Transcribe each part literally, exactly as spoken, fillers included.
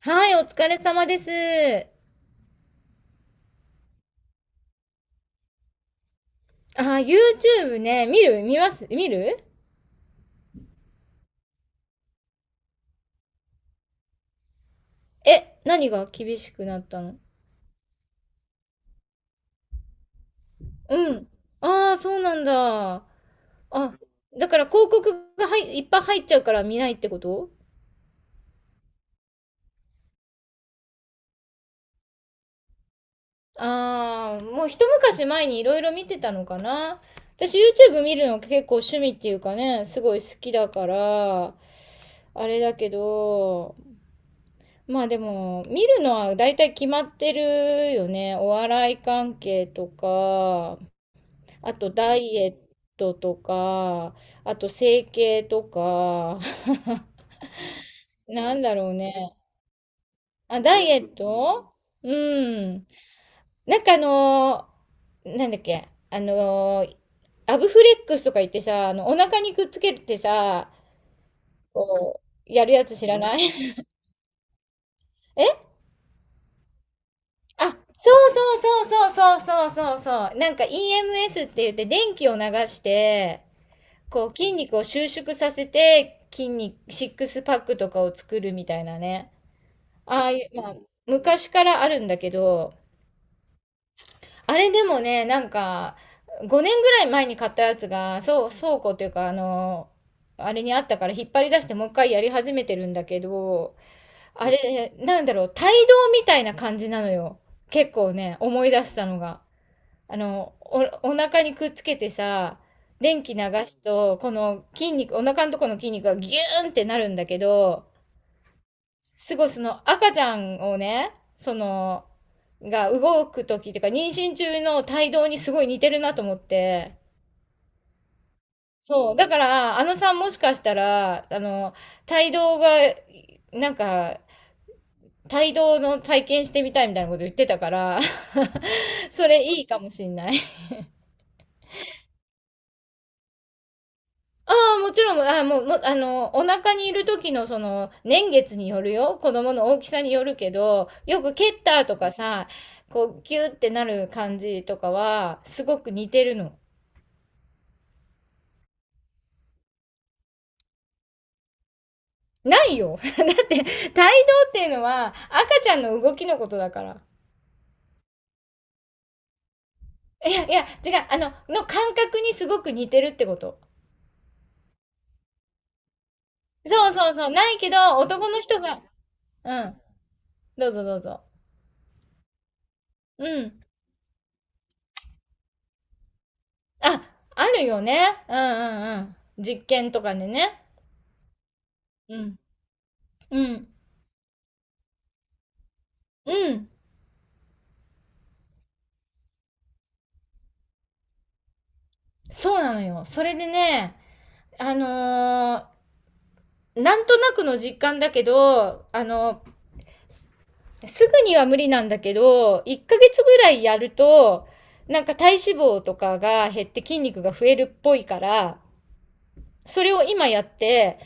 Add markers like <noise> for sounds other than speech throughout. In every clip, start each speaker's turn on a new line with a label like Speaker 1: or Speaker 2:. Speaker 1: はい、お疲れ様です。あー、YouTube ね、見る見ます見るえ、何が厳しくなったの？うん。ああ、そうなんだ。あ、だから広告がはいいっぱい入っちゃうから見ないってこと？ああ、もう一昔前にいろいろ見てたのかな。私 YouTube 見るの結構趣味っていうかね、すごい好きだから、あれだけど、まあでも、見るのは大体決まってるよね。お笑い関係とか、あとダイエットとか、あと整形とか、<laughs> なんだろうね。あ、ダイエット。うん。なんかあのーなんだっけ、あのーアブフレックスとか言ってさ、あの、お腹にくっつけてさ、こう、やるやつ知らない？ <laughs> え？あ、そうそうそうそうそうそうそうそう。なんか イーエムエス って言って電気を流して、こう筋肉を収縮させて筋肉、シックスパックとかを作るみたいなね。ああいう、まあ、昔からあるんだけど、あれでもね、なんかごねんぐらい前に買ったやつが、そう、倉庫っていうか、あの、あれにあったから引っ張り出してもう一回やり始めてるんだけど、あれ、なんだろう、帯同みたいな感じなのよ。結構ね、思い出したのが。あの、お、お腹にくっつけてさ、電気流すと、この筋肉、お腹のとこの筋肉がギューンってなるんだけど、すごいその赤ちゃんをね、その、が動く時っていうか、妊娠中の胎動にすごい似てるなと思って。そう。だから、あのさんもしかしたら、あの、胎動が、なんか、胎動の体験してみたいみたいなこと言ってたから、<laughs> それいいかもしんない。ああ、もちろん、あもう、もあの、お腹にいる時のその、年月によるよ。子供の大きさによるけど、よく蹴ったとかさ、こう、ギューってなる感じとかは、すごく似てるの。ないよ。<laughs> だって、胎動っていうのは、赤ちゃんの動きのことだから。いや、いや、違う、あの、の感覚にすごく似てるってこと。そうそうそう、ないけど、男の人が、うん、どうぞどうぞ。うん。あ、あるよね。うんうんうん。実験とかでね。うん。うん。うん。そうなのよ。それでね、あのー、なんとなくの実感だけど、あの、すぐには無理なんだけど、いっかげつぐらいやると、なんか体脂肪とかが減って筋肉が増えるっぽいから、それを今やって、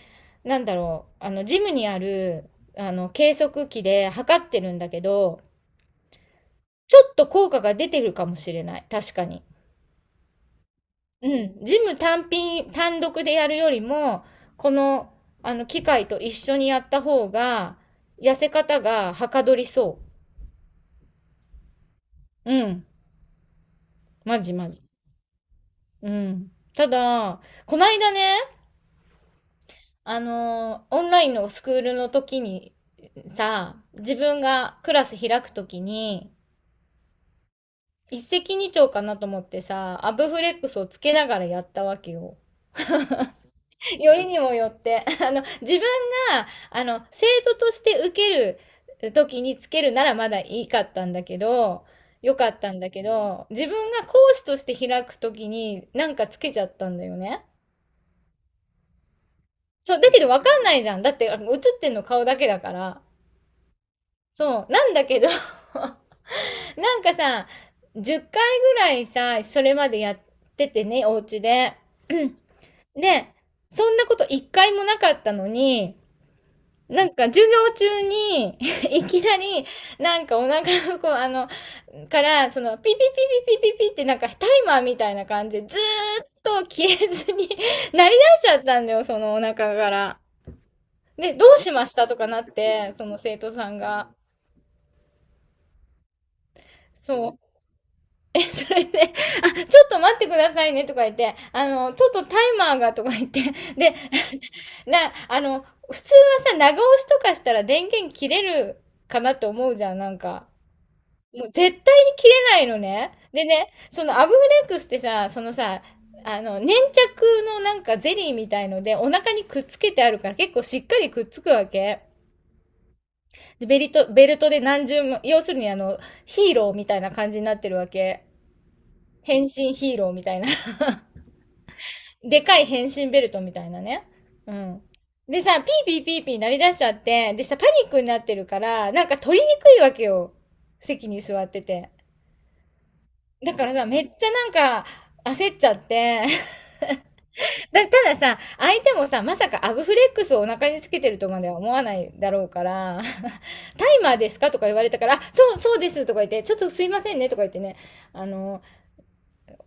Speaker 1: なんだろう、あの、ジムにある、あの、計測器で測ってるんだけど、ちょっと効果が出てるかもしれない。確かに。うん、ジム単品、単独でやるよりも、この、あの、機械と一緒にやった方が、痩せ方がはかどりそう。うん、マジマジ。うん。ただ、こないだね、あのーオンラインのスクールの時に、さ、自分がクラス開く時に、一石二鳥かなと思ってさ、アブフレックスをつけながらやったわけよ。<laughs> よりにもよって <laughs> あの自分があの生徒として受ける時につけるならまだいいかったんだけど、よかったんだけど自分が講師として開く時になんかつけちゃったんだよね。そうだけどわかんないじゃん、だってあの映ってんの顔だけだから。そうなんだけど、 <laughs> なんかさじゅっかいぐらいさそれまでやっててねお家で。<clears throat> で、そんなこと一回もなかったのに、なんか授業中に <laughs> いきなり、なんかお腹のこう、あの、から、その、ピピピピピピピってなんかタイマーみたいな感じでずーっと消えずに <laughs> 鳴り出しちゃったんだよ、そのお腹から。で、どうしましたとかなって、その生徒さんが。そう。え、それで、あ、ちょっと待ってくださいねとか言って、あの、ちょっとタイマーがとか言って、で、<laughs> な、あの、普通はさ、長押しとかしたら電源切れるかなって思うじゃん、なんか。もう絶対に切れないのね。でね、そのアブフレックスってさ、そのさ、あの、粘着のなんかゼリーみたいのでお腹にくっつけてあるから結構しっかりくっつくわけ。で、ベリト、ベルトで何重も、要するにあの、ヒーローみたいな感じになってるわけ。変身ヒーローみたいな。<laughs> でかい変身ベルトみたいなね。うん。でさ、ピーピーピーピー鳴り出しちゃって、でさ、パニックになってるから、なんか取りにくいわけよ。席に座ってて。だからさ、めっちゃなんか焦っちゃって <laughs> だ、たださ、相手もさ、まさかアブフレックスをお腹につけてるとまでは思わないだろうから、<laughs> タイマーですかとか言われたから、あそう、そうですとか言って、ちょっとすいませんねとか言ってね、あの、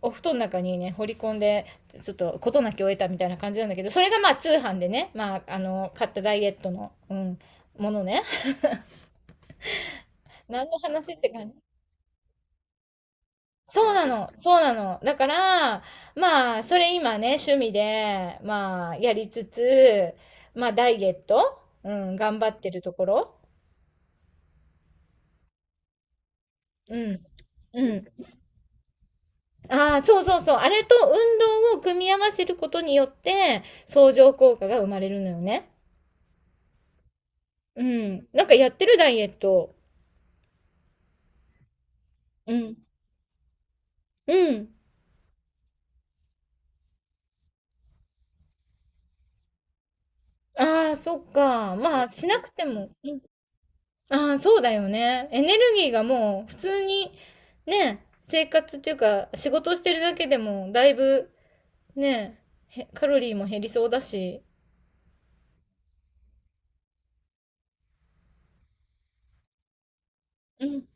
Speaker 1: お布団の中にね、掘り込んで、ちょっと事なきを得たみたいな感じなんだけど、それがまあ通販でね、まあ、あの、買ったダイエットの、うん、ものね。<laughs> 何の話って感じ。そうなの、そうなの。だから、まあ、それ今ね、趣味で、まあ、やりつつ、まあ、ダイエット、うん、頑張ってるところ。うん。うん。ああ、そうそうそう。あれと運動を組み合わせることによって、相乗効果が生まれるのよね。うん。なんかやってるダイエット。うん。うん。ああ、そっか。まあ、しなくても。ああ、そうだよね。エネルギーがもう普通にね、生活っていうか仕事をしてるだけでもだいぶね、へカロリーも減りそうだし。うん。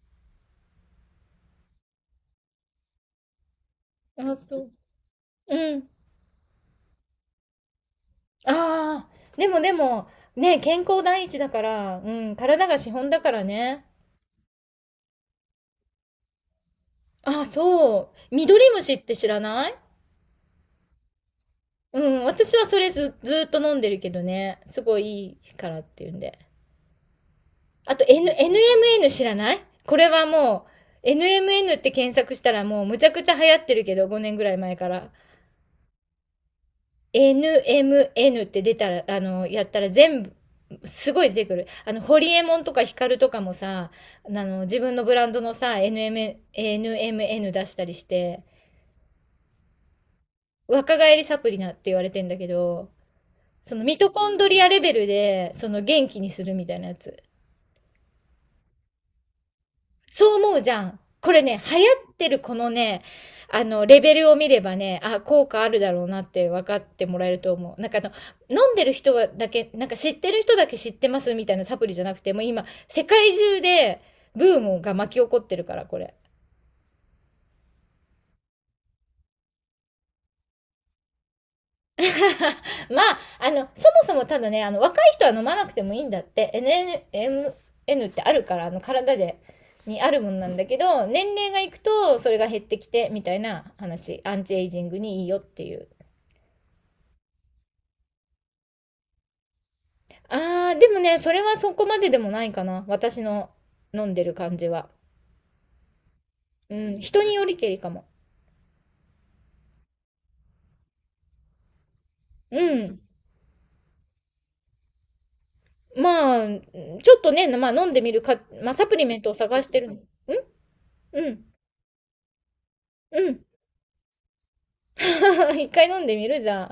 Speaker 1: あと、うん。ああ、でもでも、ね、健康第一だから、うん、体が資本だからね。あそう。緑虫って知らない？うん、私はそれず、ずーっと飲んでるけどね。すごいいいからっていうんで。あと、N、エヌエムエヌ 知らない？これはもう、エヌエムエヌ って検索したらもうむちゃくちゃ流行ってるけど、ごねんぐらい前から。エヌエムエヌ って出たら、あの、やったら全部、すごい出てくる。あの、ホリエモンとかヒカルとかもさ、あの、自分のブランドのさ、エヌエム、エヌエムエヌ 出したりして、若返りサプリなって言われてんだけど、そのミトコンドリアレベルで、その元気にするみたいなやつ。そう思うじゃん。これね、流行ってるこのね、あの、レベルを見ればね、あ、効果あるだろうなって分かってもらえると思う。なんかあの、飲んでる人がだけ、なんか知ってる人だけ知ってますみたいなサプリじゃなくて、もう今、世界中で、ブームが巻き起こってるから、これ。<laughs> まあ、あの、そもそもただね、あの、若い人は飲まなくてもいいんだって、n n エヌエムエヌってあるから、あの、体で、にあるもんなんだけど、年齢がいくと、それが減ってきて、みたいな話、アンチエイジングにいいよっていう。ああ、でもね、それはそこまででもないかな。私の飲んでる感じは。うん、人によりけりかも。うん。まあ、ちょっとね、まあ飲んでみるか、まあサプリメントを探してるの。ん。うん。うん。<laughs> 一回飲んでみるじゃん。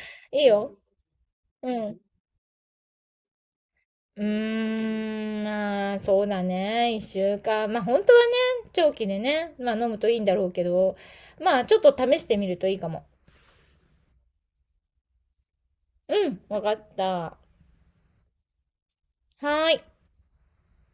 Speaker 1: <laughs> いいよ。うん。うーん、まあ、そうだね。一週間。まあ本当はね、長期でね、まあ飲むといいんだろうけど、まあちょっと試してみるといいかも。うん、わかった。はーい。